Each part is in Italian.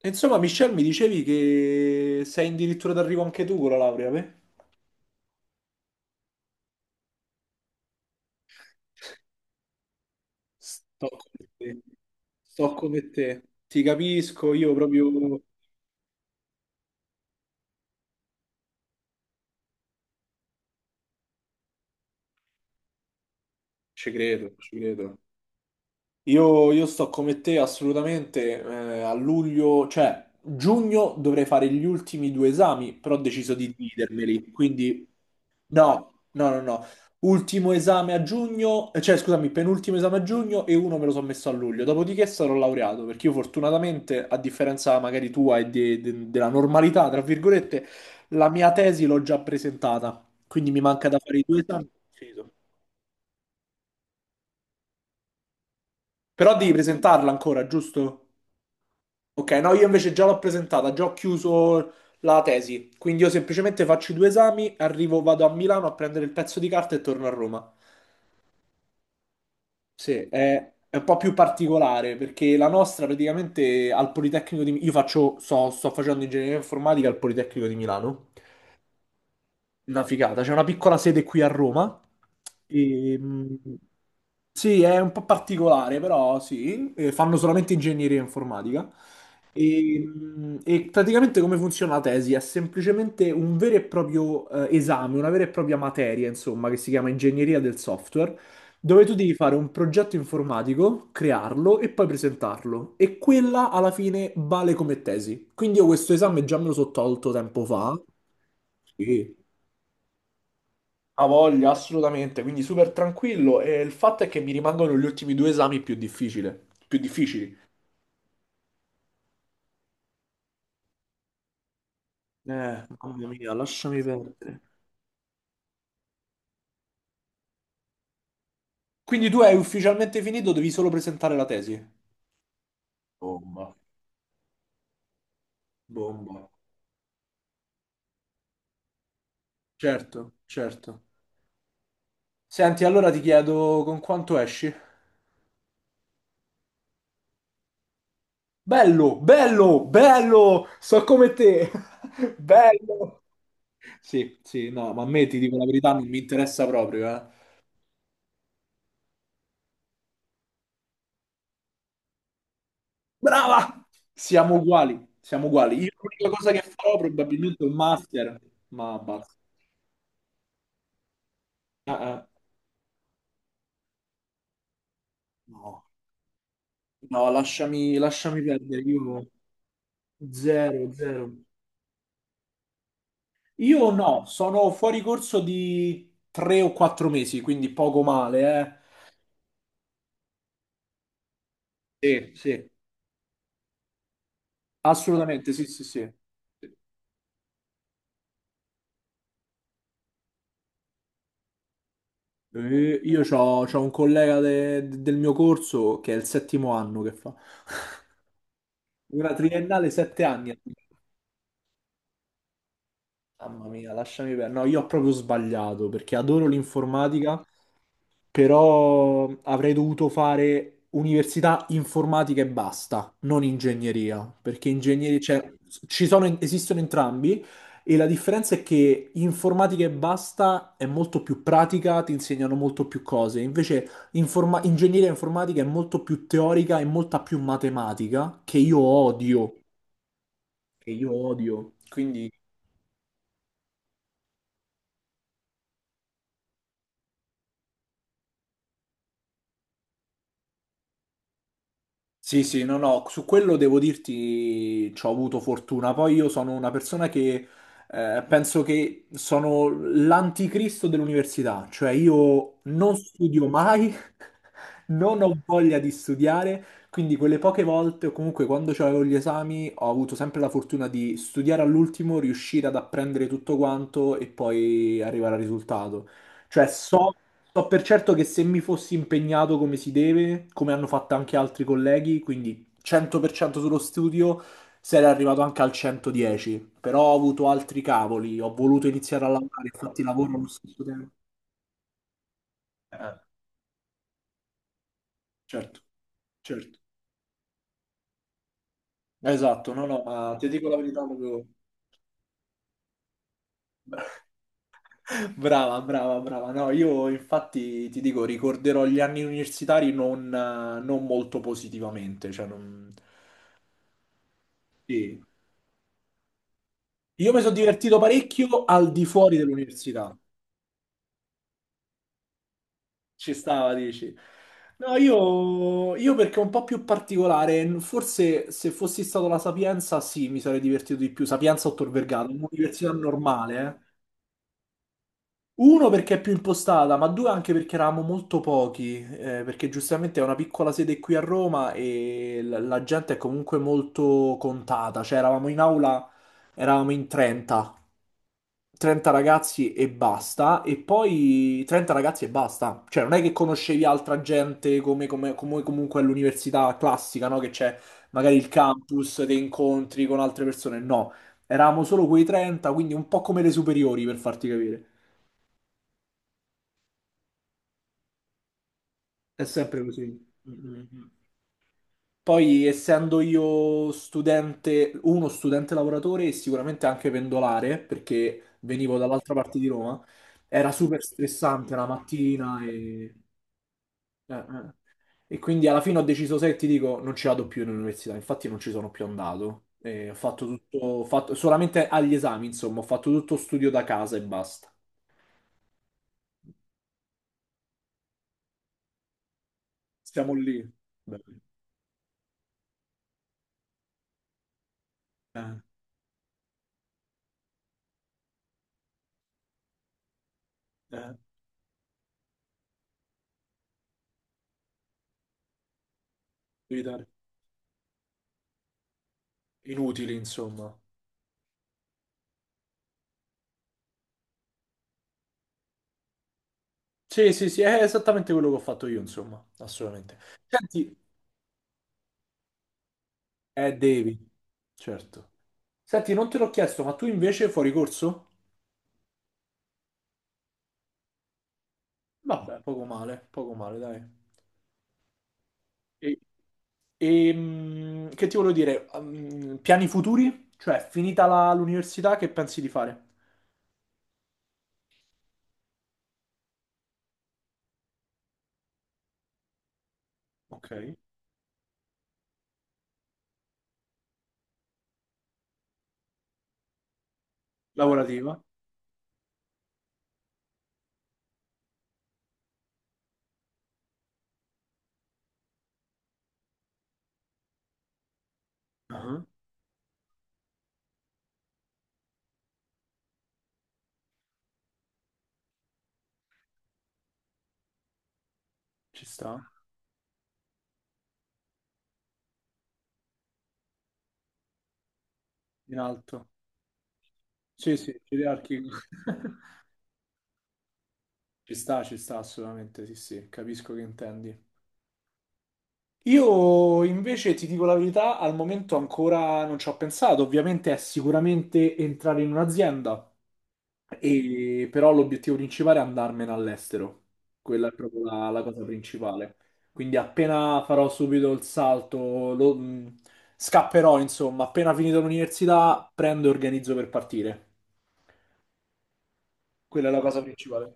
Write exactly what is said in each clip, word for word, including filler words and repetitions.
E insomma, Michelle, mi dicevi che sei addirittura d'arrivo anche tu con la laurea, beh? Sto come te, sto come te. Ti capisco, io proprio ci credo, ci credo. Io, io sto come te assolutamente. Eh, a luglio, cioè giugno, dovrei fare gli ultimi due esami, però ho deciso di dividermeli. Quindi no, no, no, no. Ultimo esame a giugno, eh, cioè scusami, penultimo esame a giugno e uno me lo sono messo a luglio. Dopodiché sarò laureato, perché io fortunatamente, a differenza magari tua e de- de- della normalità, tra virgolette, la mia tesi l'ho già presentata, quindi mi manca da fare i due esami. Finito. Però devi presentarla ancora, giusto? Ok, no, io invece già l'ho presentata, già ho chiuso la tesi, quindi io semplicemente faccio i due esami, arrivo, vado a Milano a prendere il pezzo di carta e torno a Roma. Sì, è, è un po' più particolare perché la nostra praticamente al Politecnico di Milano, io faccio, so- sto facendo ingegneria informatica al Politecnico di Milano, una figata, c'è una piccola sede qui a Roma e, sì, è un po' particolare, però sì, eh, fanno solamente ingegneria informatica. E, mh, e praticamente come funziona la tesi? È semplicemente un vero e proprio eh, esame, una vera e propria materia, insomma, che si chiama ingegneria del software, dove tu devi fare un progetto informatico, crearlo e poi presentarlo. E quella alla fine vale come tesi. Quindi io questo esame già me lo sono tolto tempo fa. Sì. Ha voglia, assolutamente, quindi super tranquillo e il fatto è che mi rimangono gli ultimi due esami più difficile- più difficili. Eh, mamma mia, lasciami perdere. Quindi tu hai ufficialmente finito, devi solo presentare la tesi. Bomba, bomba. Certo, certo. Senti, allora ti chiedo con quanto esci? Bello, bello, bello! So come te! Bello! Sì, sì, no, ma a me ti dico la verità, non mi interessa proprio, eh. Brava! Siamo uguali, siamo uguali. Io l'unica cosa che farò probabilmente è un master, ma basta. Ah, ah. No, no, lasciami, lasciami perdere. Io zero, zero. Io no, sono fuori corso di tre o quattro mesi, quindi poco male, eh. Sì, sì, assolutamente, sì, sì, sì. Eh, Io c'ho, c'ho un collega de- del mio corso che è il settimo anno che fa. Una triennale, sette anni. Mamma mia, lasciami perdere. No, io ho proprio sbagliato perché adoro l'informatica, però avrei dovuto fare università informatica e basta, non ingegneria, perché ingegneria, cioè, ci sono, esistono entrambi e la differenza è che informatica e basta è molto più pratica, ti insegnano molto più cose, invece informa- ingegneria informatica è molto più teorica e molta più matematica, che io odio, che io odio. Quindi... Sì, sì, no, no, su quello devo dirti ci ho avuto fortuna. Poi io sono una persona che eh, penso che sono l'anticristo dell'università, cioè io non studio mai, non ho voglia di studiare, quindi quelle poche volte o comunque quando avevo gli esami ho avuto sempre la fortuna di studiare all'ultimo, riuscire ad apprendere tutto quanto e poi arrivare al risultato. Cioè, so So per certo che se mi fossi impegnato come si deve, come hanno fatto anche altri colleghi, quindi cento per cento sullo studio, sarei arrivato anche al centodieci. Però ho avuto altri cavoli, ho voluto iniziare a lavorare, infatti lavoro allo stesso tempo. Eh, certo, certo. Esatto, no, no, ma ti dico la verità proprio... Brava, brava, brava. No, io infatti ti dico, ricorderò gli anni universitari non, eh, non molto positivamente, cioè non... Sì, io mi sono divertito parecchio al di fuori dell'università. Ci stava, dici. No, io, io perché è un po' più particolare, forse se fossi stato alla Sapienza, sì, mi sarei divertito di più. Sapienza o Tor Vergata, un'università normale, eh. Uno perché è più impostata, ma due anche perché eravamo molto pochi, eh, perché giustamente è una piccola sede qui a Roma e la, la gente è comunque molto contata, cioè eravamo in aula, eravamo in trenta trenta ragazzi e basta, e poi trenta ragazzi e basta. Cioè, non è che conoscevi altra gente come, come- come comunque all'università classica, no? Che c'è magari il campus, dei incontri con altre persone. No, eravamo solo quei trenta, quindi un po' come le superiori, per farti capire. È sempre così. Mm-mm. Poi, essendo io studente, uno studente lavoratore e sicuramente anche pendolare, perché venivo dall'altra parte di Roma, era super stressante la mattina e... Eh, eh. E quindi alla fine ho deciso, se ti dico, non ci vado più in università, infatti non ci sono più andato. E ho fatto tutto, ho fatto- solamente agli esami, insomma, ho fatto tutto studio da casa e basta. Siamo lì. Beh, eh, eh, evitare. Inutili, insomma. Sì, sì, sì, è esattamente quello che ho fatto io, insomma, assolutamente. Senti, eh, devi, certo. Senti, non te l'ho chiesto, ma tu invece fuori corso? Vabbè, poco male, poco male, dai. Sì. E mm, che ti volevo dire? Ehm, piani futuri? Cioè, finita la- l'università, che pensi di fare? Ok. Lavorativa? Ah, ci sta, in alto. Sì, sì, gerarchico. Ci sta, ci sta assolutamente, sì, sì, capisco che intendi. Io invece ti dico la verità, al momento ancora non ci ho pensato, ovviamente è sicuramente entrare in un'azienda. E- però l'obiettivo principale è andarmene all'estero. Quella è proprio la, la cosa principale. Quindi appena farò subito il salto, lo- mh, scapperò, insomma, appena finito l'università, prendo e organizzo per partire. Quella è la cosa principale.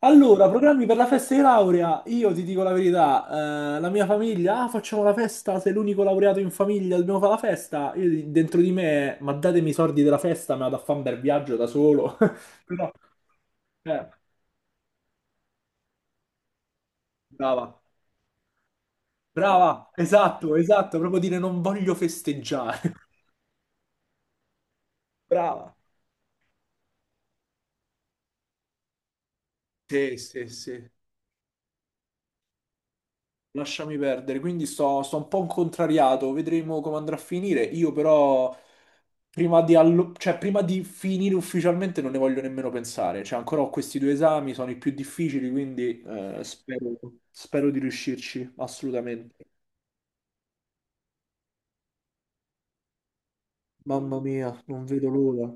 Allora, programmi per la festa di laurea. Io ti dico la verità, eh, la mia famiglia, ah, facciamo la festa, sei l'unico laureato in famiglia, dobbiamo fare la festa. Io di- dentro di me, ma datemi i soldi della festa, me la da fare un bel viaggio da solo. Però, eh, brava. Brava, esatto, esatto, proprio dire non voglio festeggiare. Brava. Sì, sì, sì, lasciami perdere. Quindi sto, sto un po' contrariato, vedremo come andrà a finire. Io però, prima di, allo- cioè, prima di finire ufficialmente, non ne voglio nemmeno pensare. Cioè, ancora ho questi due esami, sono i più difficili, quindi eh, spero, spero di riuscirci, assolutamente. Mamma mia, non vedo l'ora.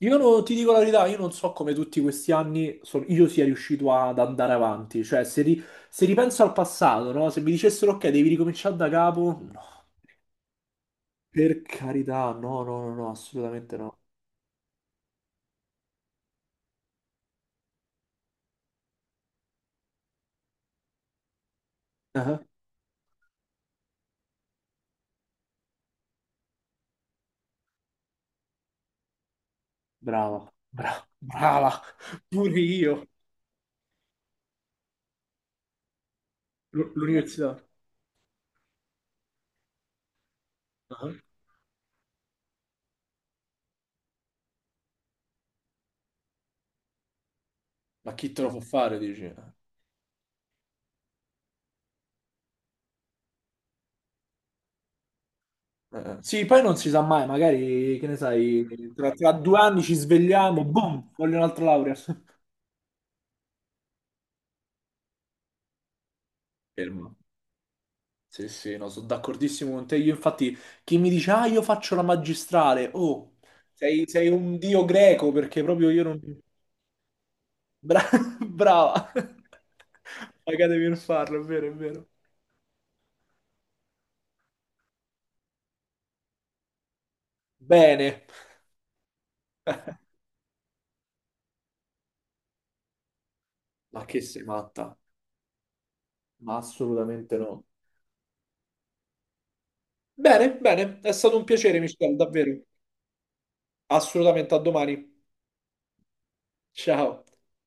Io no- ti dico la verità, io non so come tutti questi anni son- io sia riuscito ad andare avanti. Cioè, se, ri- se ripenso al passato, no? Se mi dicessero, ok, devi ricominciare da capo, no. Per carità, no, no, no, no, assolutamente no. Ah, brava, bra- brava, pure io. L- l'università. Ah. Ma chi te lo fa fare, dici? Eh, eh. Sì, poi non si sa mai, magari, che ne sai, tra, tra due anni ci svegliamo, boom, voglio un'altra laurea. Fermo. Sì, sì, no, sono d'accordissimo con te. Io infatti, chi mi dice, ah, io faccio la magistrale, oh, sei, sei un dio greco perché proprio io non... Bra- brava. Pagatemi per farlo, è vero, è vero. Bene. Ma che sei matta? Ma assolutamente no. Bene, bene, è stato un piacere, Michelle, davvero. Assolutamente, a domani. Ciao.